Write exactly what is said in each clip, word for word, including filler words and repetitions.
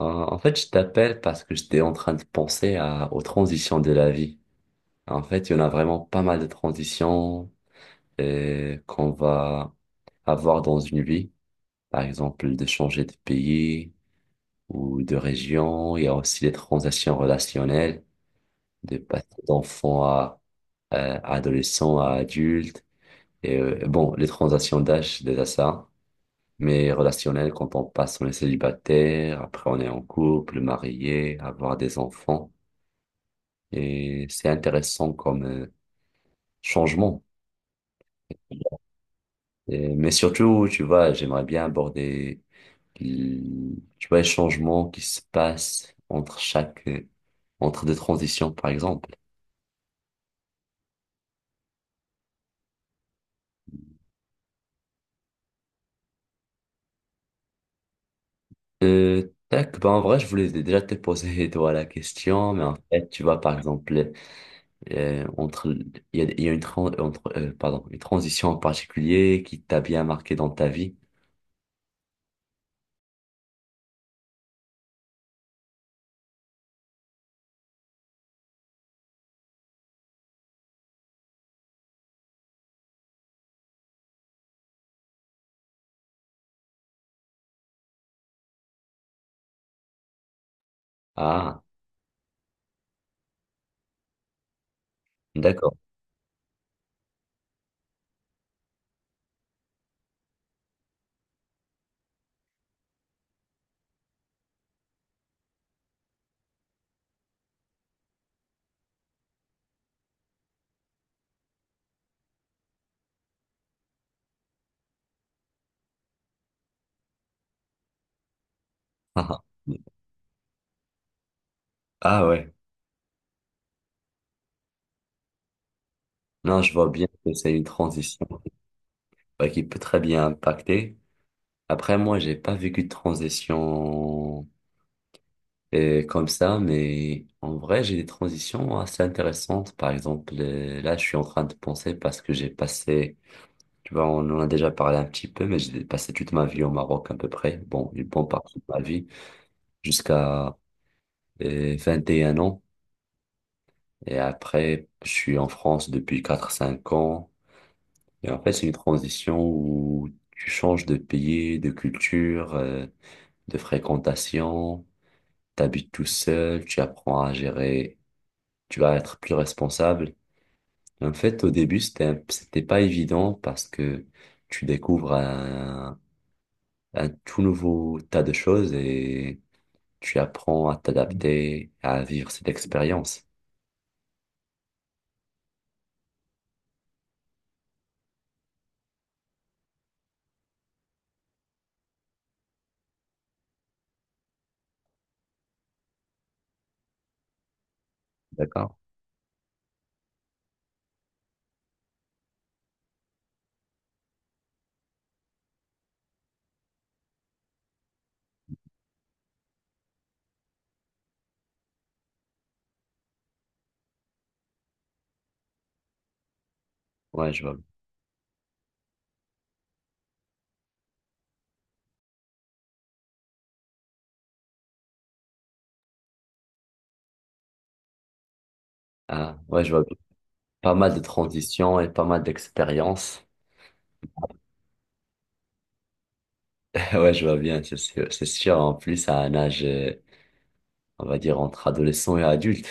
Euh, En fait, je t'appelle parce que j'étais en train de penser à, aux transitions de la vie. En fait, il y en a vraiment pas mal de transitions euh, qu'on va avoir dans une vie. Par exemple, de changer de pays ou de région. Il y a aussi les transitions relationnelles, de passer d'enfant à, euh, adolescent à adulte. Et euh, bon, les transitions d'âge, c'est déjà ça. Mais relationnelles, quand on passe, on est célibataire, après on est en couple, marié, avoir des enfants. Et c'est intéressant comme euh, changement. Et- mais surtout, tu vois, j'aimerais bien aborder, l- tu vois, les changements qui se passent entre chaque, euh, entre deux transitions, par exemple. Euh, tac, ben en vrai, je voulais déjà te poser, toi, la question, mais en fait, tu vois, par exemple, euh, entre, l- il y a, il y a une, tran- entre, euh, pardon, une transition en particulier qui t'a bien marqué dans ta vie. Ah, d'accord. Ah ouais. Non, je vois bien que c'est une transition. Bah, qui peut très bien impacter. Après, moi, j'ai pas vécu de transition euh, comme ça, mais en vrai, j'ai des transitions assez intéressantes. Par exemple, euh, là, je suis en train de penser parce que j'ai passé, tu vois, on en a déjà parlé un petit peu, mais j'ai passé toute ma vie au Maroc à peu près. Bon, une bonne partie de ma vie jusqu'à euh, vingt et un ans. Et après, je suis en France depuis quatre cinq ans. Et en fait, c'est une transition où tu changes de pays, de culture, euh, de fréquentation, t'habites tout seul, tu apprends à gérer, tu vas être plus responsable. En fait, au début, c'était, un- c'était pas évident parce que tu découvres un, un tout nouveau tas de choses et tu apprends à t'adapter, à vivre cette expérience. D'accord. Ouais, je vois. Ah, ouais, je vois pas mal de transitions et pas mal d'expériences. Ouais, je vois bien, c'est sûr. C'est sûr, en plus, à un âge, euh, on va dire, entre adolescent et adulte.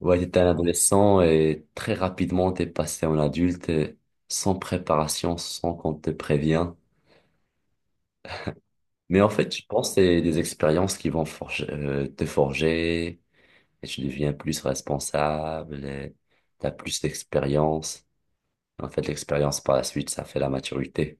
Ouais, t'étais un adolescent et très rapidement t'es passé en adulte et sans préparation, sans qu'on te prévient. Mais en fait, je pense que c'est des expériences qui vont forger, euh, te forger et tu deviens plus responsable et t'as plus d'expérience. En fait, l'expérience par la suite, ça fait la maturité.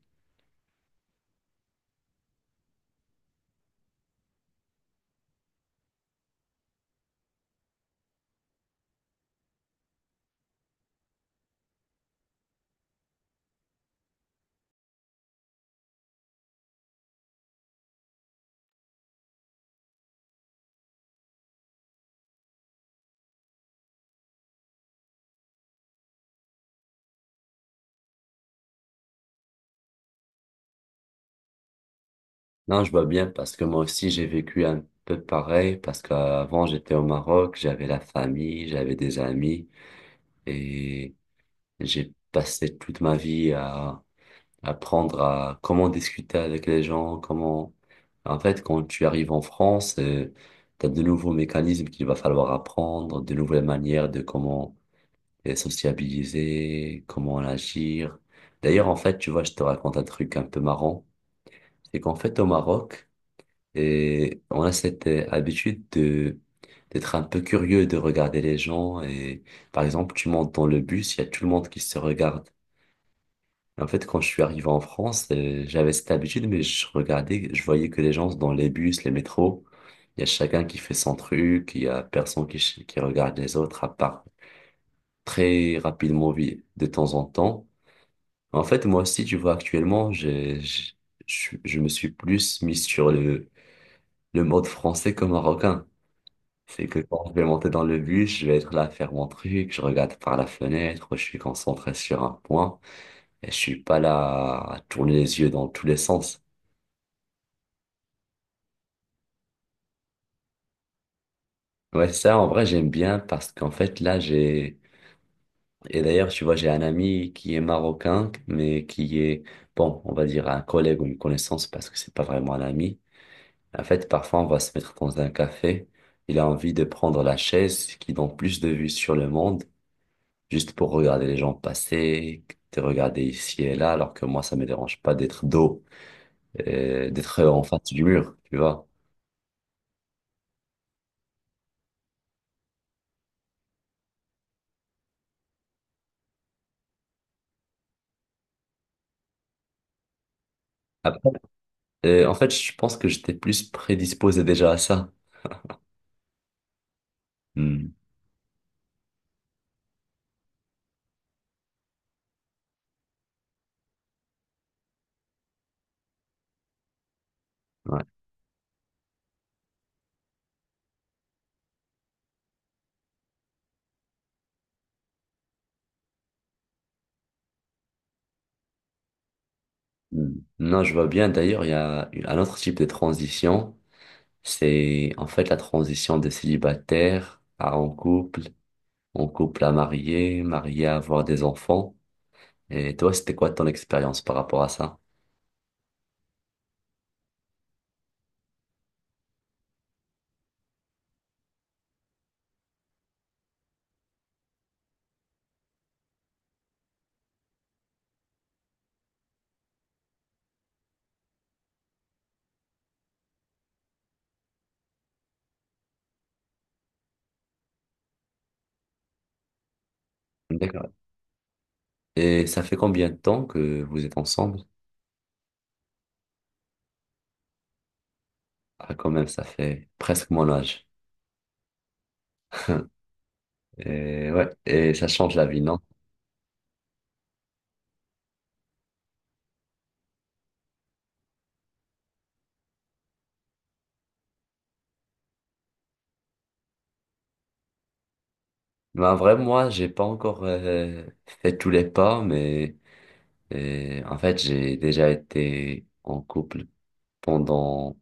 Non, je vois bien parce que moi aussi j'ai vécu un peu pareil parce qu'avant j'étais au Maroc, j'avais la famille, j'avais des amis et j'ai passé toute ma vie à apprendre à comment discuter avec les gens, comment... En fait, quand tu arrives en France, euh, t'as de nouveaux mécanismes qu'il va falloir apprendre, de nouvelles manières de comment euh, sociabiliser, comment agir. D'ailleurs, en fait, tu vois, je te raconte un truc un peu marrant. C'est qu'en fait, au Maroc, et on a cette euh, habitude de d'être un peu curieux, de regarder les gens. Et par exemple, tu montes dans le bus, il y a tout le monde qui se regarde. En fait, quand je suis arrivé en France, euh, j'avais cette habitude, mais je regardais, je voyais que les gens dans les bus, les métros, il y a chacun qui fait son truc, il y a personne qui, ch- qui regarde les autres, à part très rapidement vi- de temps en temps. En fait, moi aussi, tu vois, actuellement, j'ai- je, je, je me suis plus mis sur le, le mode français que marocain. C'est que quand je vais monter dans le bus, je vais être là à faire mon truc, je regarde par la fenêtre, je suis concentré sur un point et je suis pas là à tourner les yeux dans tous les sens. Ouais, ça, en vrai, j'aime bien parce qu'en fait, là, j'ai, et d'ailleurs, tu vois, j'ai un ami qui est marocain, mais qui est, bon, on va dire un collègue ou une connaissance parce que c'est pas vraiment un ami. En fait, parfois, on va se mettre dans un café, il a envie de prendre la chaise qui donne plus de vue sur le monde, juste pour regarder les gens passer, te regarder ici et là, alors que moi, ça me dérange pas d'être dos, euh, d'être en face du mur, tu vois. Après, euh, en fait, je pense que j'étais plus prédisposé déjà à ça. Hmm, ouais. Hmm. Non, je vois bien. D'ailleurs, il y a une- un autre type de transition. C'est en fait la transition de célibataire à en couple, en couple à marié, marié à avoir des enfants. Et toi, c'était quoi ton expérience par rapport à ça? D'accord. Et ça fait combien de temps que vous êtes ensemble? Ah, quand même, ça fait presque mon âge. Et ouais, et ça change la vie, non? Mais en vrai, moi, j'ai pas encore euh, fait tous les pas, mais euh, en fait, j'ai déjà été en couple pendant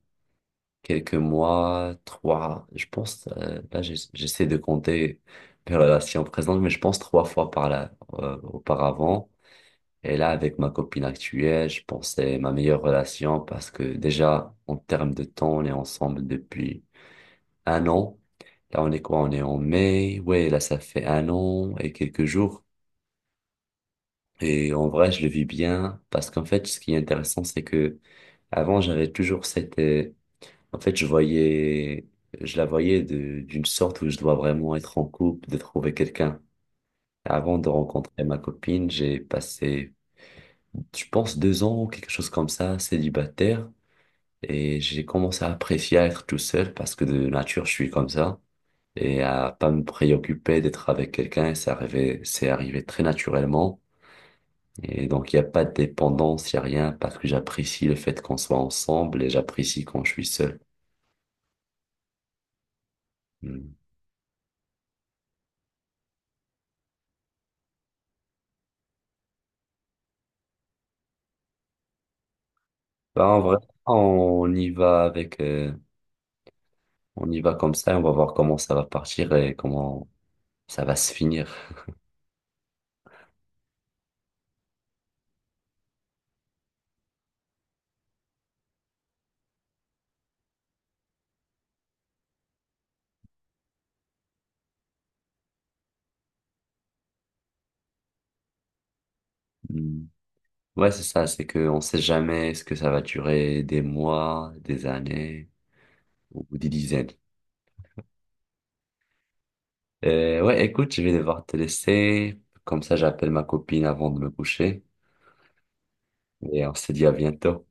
quelques mois, trois, je pense, euh, là, j'ess- j'essaie de compter mes relations présentes, mais je pense trois fois par là, euh, auparavant. Et là, avec ma copine actuelle, je pense que c'est ma meilleure relation parce que déjà, en termes de temps, on est ensemble depuis un an. Là, on est quoi? On est en mai. Ouais, là, ça fait un an et quelques jours. Et en vrai, je le vis bien parce qu'en fait, ce qui est intéressant, c'est que avant, j'avais toujours cette, euh, en fait, je voyais, je la voyais de- d'une sorte où je dois vraiment être en couple, de trouver quelqu'un. Avant de rencontrer ma copine, j'ai passé, je pense, deux ans, quelque chose comme ça, célibataire. Et j'ai commencé à apprécier à être tout seul parce que de nature, je suis comme ça. Et à pas me préoccuper d'être avec quelqu'un, c'est arrivé, c'est arrivé très naturellement. Et donc, il n'y a pas de dépendance, il n'y a rien parce que j'apprécie le fait qu'on soit ensemble et j'apprécie quand je suis seul. Hmm. Bah, en vrai, on y va avec, euh, on y va comme ça et on va voir comment ça va partir et comment ça va se finir. Hmm. Ouais, c'est ça, c'est qu'on ne sait jamais ce que ça va durer, des mois, des années ou des dizaines. Euh, ouais, écoute, je vais devoir te laisser. Comme ça, j'appelle ma copine avant de me coucher. Et on se dit à bientôt.